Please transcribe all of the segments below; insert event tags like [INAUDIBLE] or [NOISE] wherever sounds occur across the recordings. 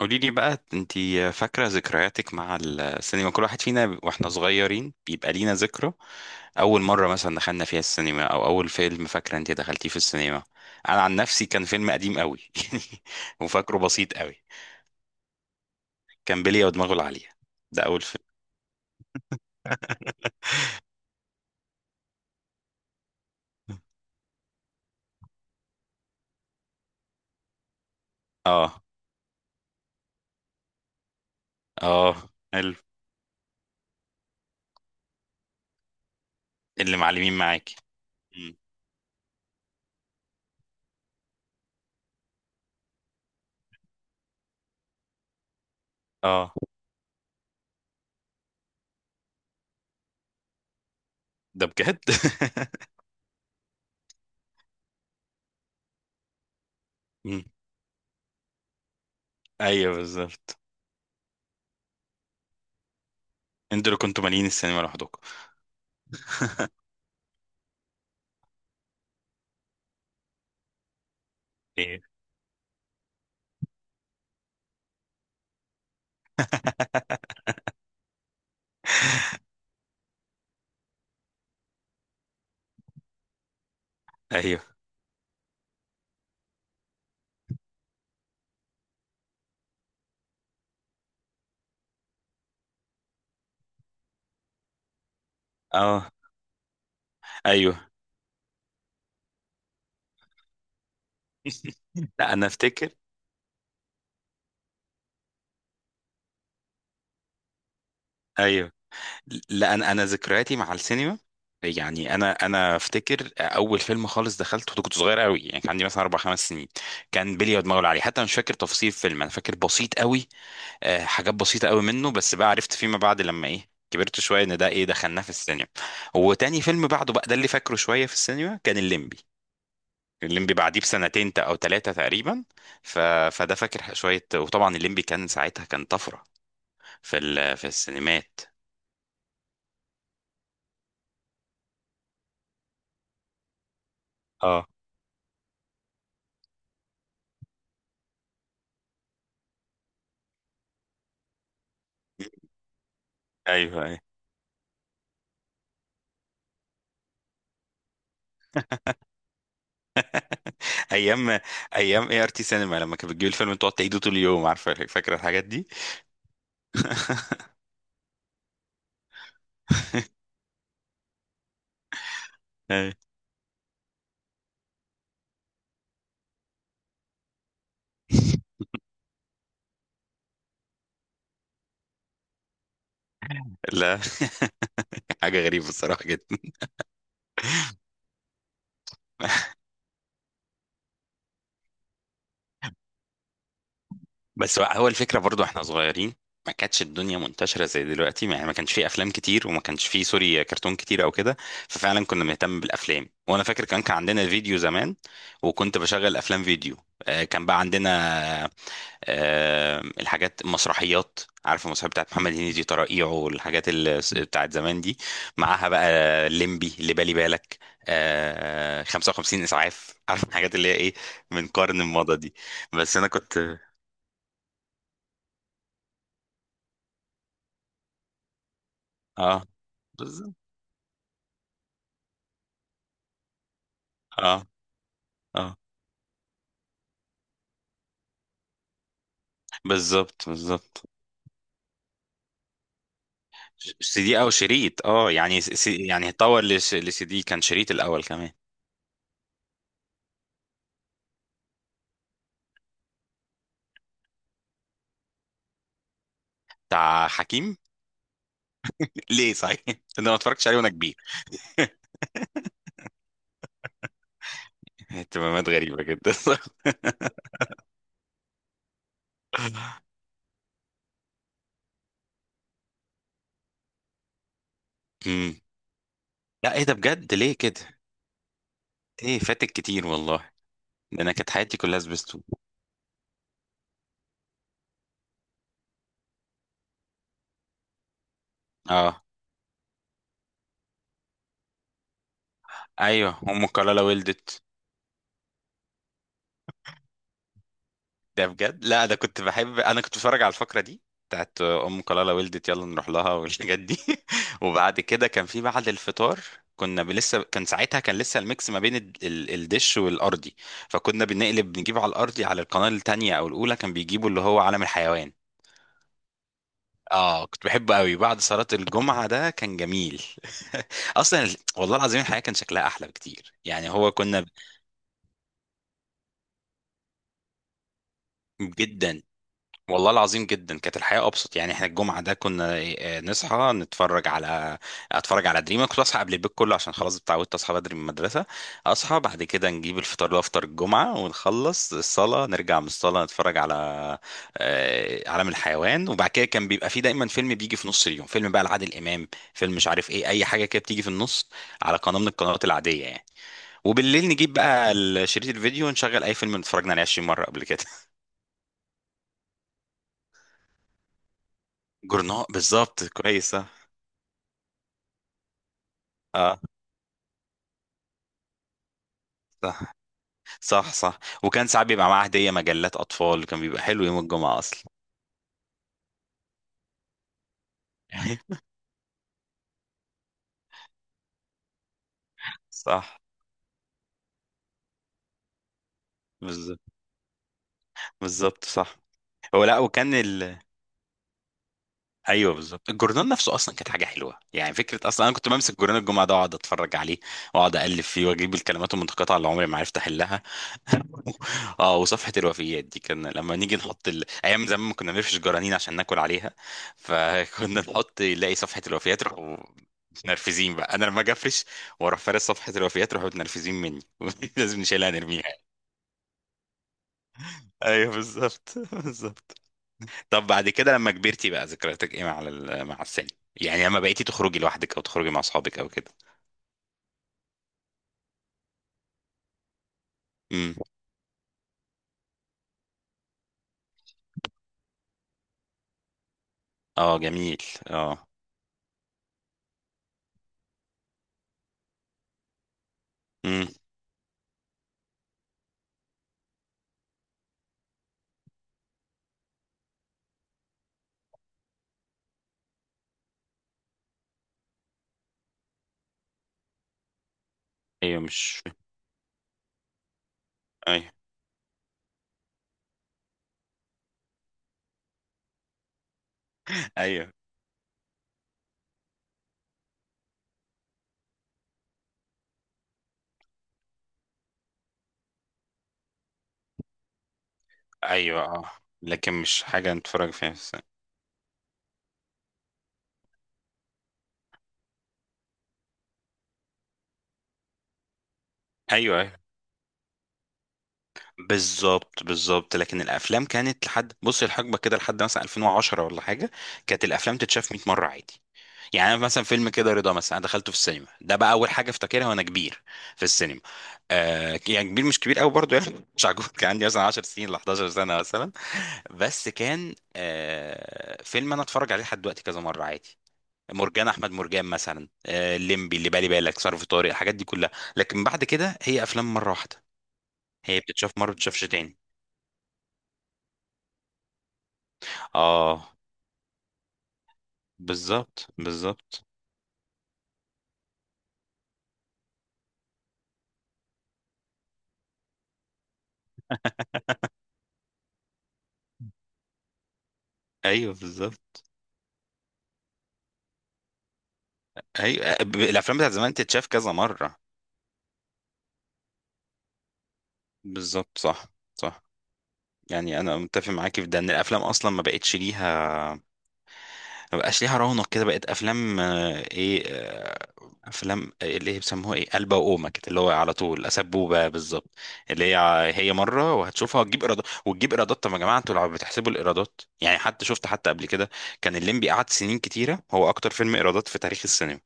قولي لي بقى، انتي فاكرة ذكرياتك مع السينما؟ كل واحد فينا واحنا صغيرين بيبقى لينا ذكرى. أول مرة مثلا دخلنا فيها السينما، أو أول فيلم فاكرة انتي دخلتيه في السينما. أنا عن نفسي كان فيلم قديم قوي [LAUGHS] يعني، وفاكره بسيط قوي. كان بلية ودماغه العالية. ده أول فيلم. اه، اه حلو، اللي معلمين معاكي. مم. اه، ده بجد؟ [LAUGHS] مم. ايوه بالظبط. انتوا اللي كنتوا مالين السينما لوحدكم؟ ايه، ايوه، اه، ايوه. [LAUGHS] لا انا افتكر، ايوه. لا، انا ذكرياتي مع السينما، يعني انا افتكر اول فيلم خالص دخلته، كنت صغير قوي، يعني كان عندي مثلا اربع خمس سنين. كان بلي ودماغه العالي، حتى مش فاكر تفاصيل الفيلم، انا فاكر بسيط قوي. حاجات بسيطه قوي منه، بس بقى عرفت فيما بعد لما ايه كبرت شويه ان ده ايه دخلناه في السينما. وتاني فيلم بعده بقى ده اللي فاكره شويه في السينما كان الليمبي. الليمبي بعديه بسنتين او ثلاثه تقريبا. ف... فده فاكر شويه. وطبعا الليمبي كان ساعتها كان طفره في في السينمات. اه ايوه، ايام، ايام اي ار تي سينما لما كانت بتجيب الفيلم تقعد تعيده طول اليوم، عارفه؟ فاكره الحاجات دي. [LAUGHS] أيوة. لا. [LAUGHS] حاجه غريبه الصراحه جدا. بس هو هو الفكره برضو احنا صغيرين، ما كانتش الدنيا منتشره زي دلوقتي، يعني ما كانش فيه افلام كتير، وما كانش فيه سوري كرتون كتير او كده. ففعلا كنا بنهتم بالافلام. وانا فاكر كان عندنا فيديو زمان، وكنت بشغل افلام فيديو. كان بقى عندنا، الحاجات المسرحيات. عارف المسرحيات بتاعت محمد هنيدي طرائيعه، والحاجات اللي بتاعت زمان دي، معاها بقى ليمبي اللي بالي بالك، آه 55 اسعاف. [LAUGHS] عارف الحاجات اللي هي ايه؟ من قرن الماضي دي. بس انا كنت، اه بالظبط. اه اه، بالظبط بالظبط. سي دي او شريط، اه يعني يعني اتطور لسي دي، كان شريط الاول كمان. بتاع حكيم؟ ليه صحيح؟ [LAUGHS] انا ما اتفرجتش عليه وانا كبير. اهتمامات غريبه جدا. [LAUGHS] امم. لا ايه ده بجد، ليه كده؟ ايه فاتك كتير والله، ده انا كانت حياتي كلها سبيستون. اه ايوه، ام كلالا ولدت. ده بجد؟ لا ده كنت بحب، انا كنت بتفرج على الفقره دي بتاعت ام كلالا ولدت، يلا نروح لها، والحاجات دي. [LAUGHS] وبعد كده كان في بعد الفطار، لسه كان ساعتها كان لسه الميكس ما بين الدش والارضي. فكنا بنقلب، بنجيب على الارضي على القناه التانية او الاولى، كان بيجيبوا اللي هو عالم الحيوان. اه كنت بحبه قوي بعد صلاة الجمعة، ده كان جميل. [LAUGHS] اصلا والله العظيم الحياة كان شكلها احلى بكتير، يعني هو كنا، جدا. والله العظيم جدا كانت الحياة أبسط. يعني احنا الجمعة ده كنا، نصحى نتفرج على، أتفرج على دريمة، كنت أصحى قبل البيت كله عشان خلاص اتعودت أصحى بدري من المدرسة. أصحى، بعد كده نجيب الفطار اللي هو فطار الجمعة، ونخلص الصلاة، نرجع من الصلاة نتفرج على، عالم الحيوان. وبعد كده كان بيبقى فيه دايما فيلم بيجي في نص اليوم، فيلم بقى لعادل إمام، فيلم مش عارف إيه، أي حاجة كده بتيجي في النص، على قناة من القنوات العادية يعني. وبالليل نجيب بقى شريط الفيديو ونشغل أي فيلم اتفرجنا عليه 20 مرة قبل كده. [LAUGHS] جورنال بالظبط، كويس آه. صح، صح صح. وكان ساعات بيبقى معاه هدية مجلات أطفال، كان بيبقى حلو يوم الجمعة أصلا. [LAUGHS] صح، بالظبط، بالظبط صح. هو لا وكان ال، ايوه بالظبط. الجورنال نفسه اصلا كانت حاجه حلوه يعني، فكره اصلا انا كنت بمسك جورنال الجمعه ده واقعد اتفرج عليه، واقعد اقلب فيه، واجيب الكلمات المتقاطعه اللي عمري ما عرفت احلها. [LAUGHS] اه وصفحه الوفيات دي كان لما نيجي نحط ايام زمان ما كنا بنفرش جرانين عشان ناكل عليها، [LAUGHS] فكنا نحط نلاقي صفحه الوفيات، يروحوا متنرفزين بقى، انا لما اجي افرش واروح فارس صفحه الوفيات يروحوا متنرفزين مني. [LAUGHS] لازم نشيلها نرميها. ايوه بالظبط، [LAUGHS] بالظبط. طب بعد كده لما كبرتي بقى، ذكرياتك ايه مع مع السينما؟ يعني لما بقيتي تخرجي لوحدك، او تخرجي مع اصحابك، او كده. امم. اه جميل. اه. امم. ايوه مش. [LAUGHS] ايوه، ايوه، ايوه، اه. لكن مش حاجه نتفرج فيها في السينما. ايوه ايوه، بالظبط بالظبط. لكن الافلام كانت لحد، بصي الحقبه كده، لحد مثلا 2010 ولا حاجه، كانت الافلام تتشاف 100 مره عادي. يعني أنا مثلا فيلم كده رضا مثلا، انا دخلته في السينما، ده بقى اول حاجه افتكرها وانا كبير في السينما. آه يعني كبير مش كبير قوي برضه يعني، [LAUGHS] مش عجوز، كان عندي مثلا 10 سنين ل 11 سنه مثلا. بس كان آه فيلم انا اتفرج عليه لحد دلوقتي كذا مره عادي. مرجان احمد مرجان مثلا، آه الليمبي اللي بالي بالك، ظرف طارق، الحاجات دي كلها. لكن بعد كده هي افلام مره واحده، هي بتتشاف مره، بتتشافش تاني. اه بالظبط بالظبط. ايوه بالظبط. ايوه، الافلام بتاعت زمان تتشاف كذا مره. بالظبط صح، صح. يعني انا متفق معاك في ده، ان الافلام اصلا ما بقتش ليها، ما بقاش ليها رونق كده. بقت افلام آه، ايه آه، افلام، اللي هي بيسموها ايه، قلبه وقومه كده، اللي هو على طول اسبوبه، بالظبط. اللي هي هي مره، وهتشوفها وتجيب ايرادات، وتجيب ايرادات. طب يا جماعه، انتوا لو بتحسبوا الايرادات يعني، حتى شفت حتى قبل كده، كان الليمبي قعد سنين كتيره هو اكتر فيلم ايرادات في تاريخ السينما.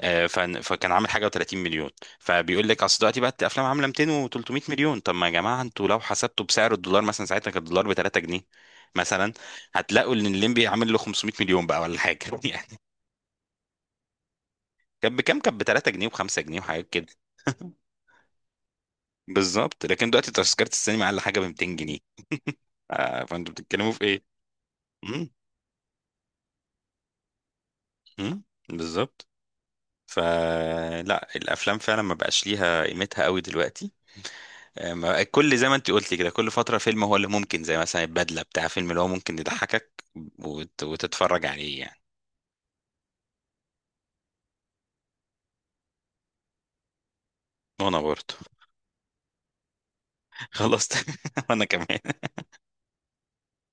فكان عامل حاجه و30 مليون. فبيقول لك اصل دلوقتي بقى الافلام عامله 200 و300 مليون. طب ما يا جماعه انتوا لو حسبتوا بسعر الدولار، مثلا ساعتها كان الدولار ب 3 جنيه مثلا، هتلاقوا ان الليمبي عامل له 500 مليون بقى ولا حاجه [LAUGHS] يعني. كان بكام؟ كان ب 3 جنيه و5 جنيه وحاجات كده. [LAUGHS] بالظبط. لكن دلوقتي تذكره السينما اقل حاجه ب 200 جنيه. فانتوا بتتكلموا في ايه؟ مم، مم، بالظبط. فلا الافلام فعلا ما بقاش ليها قيمتها قوي دلوقتي. كل زي ما انت قلتي كده، كل فترة فيلم هو اللي ممكن، زي مثلا البدلة بتاع، فيلم اللي هو ممكن يضحكك وتتفرج عليه يعني. وانا برضه. [LAUGHS] خلاص. [LAUGHS] وانا كمان.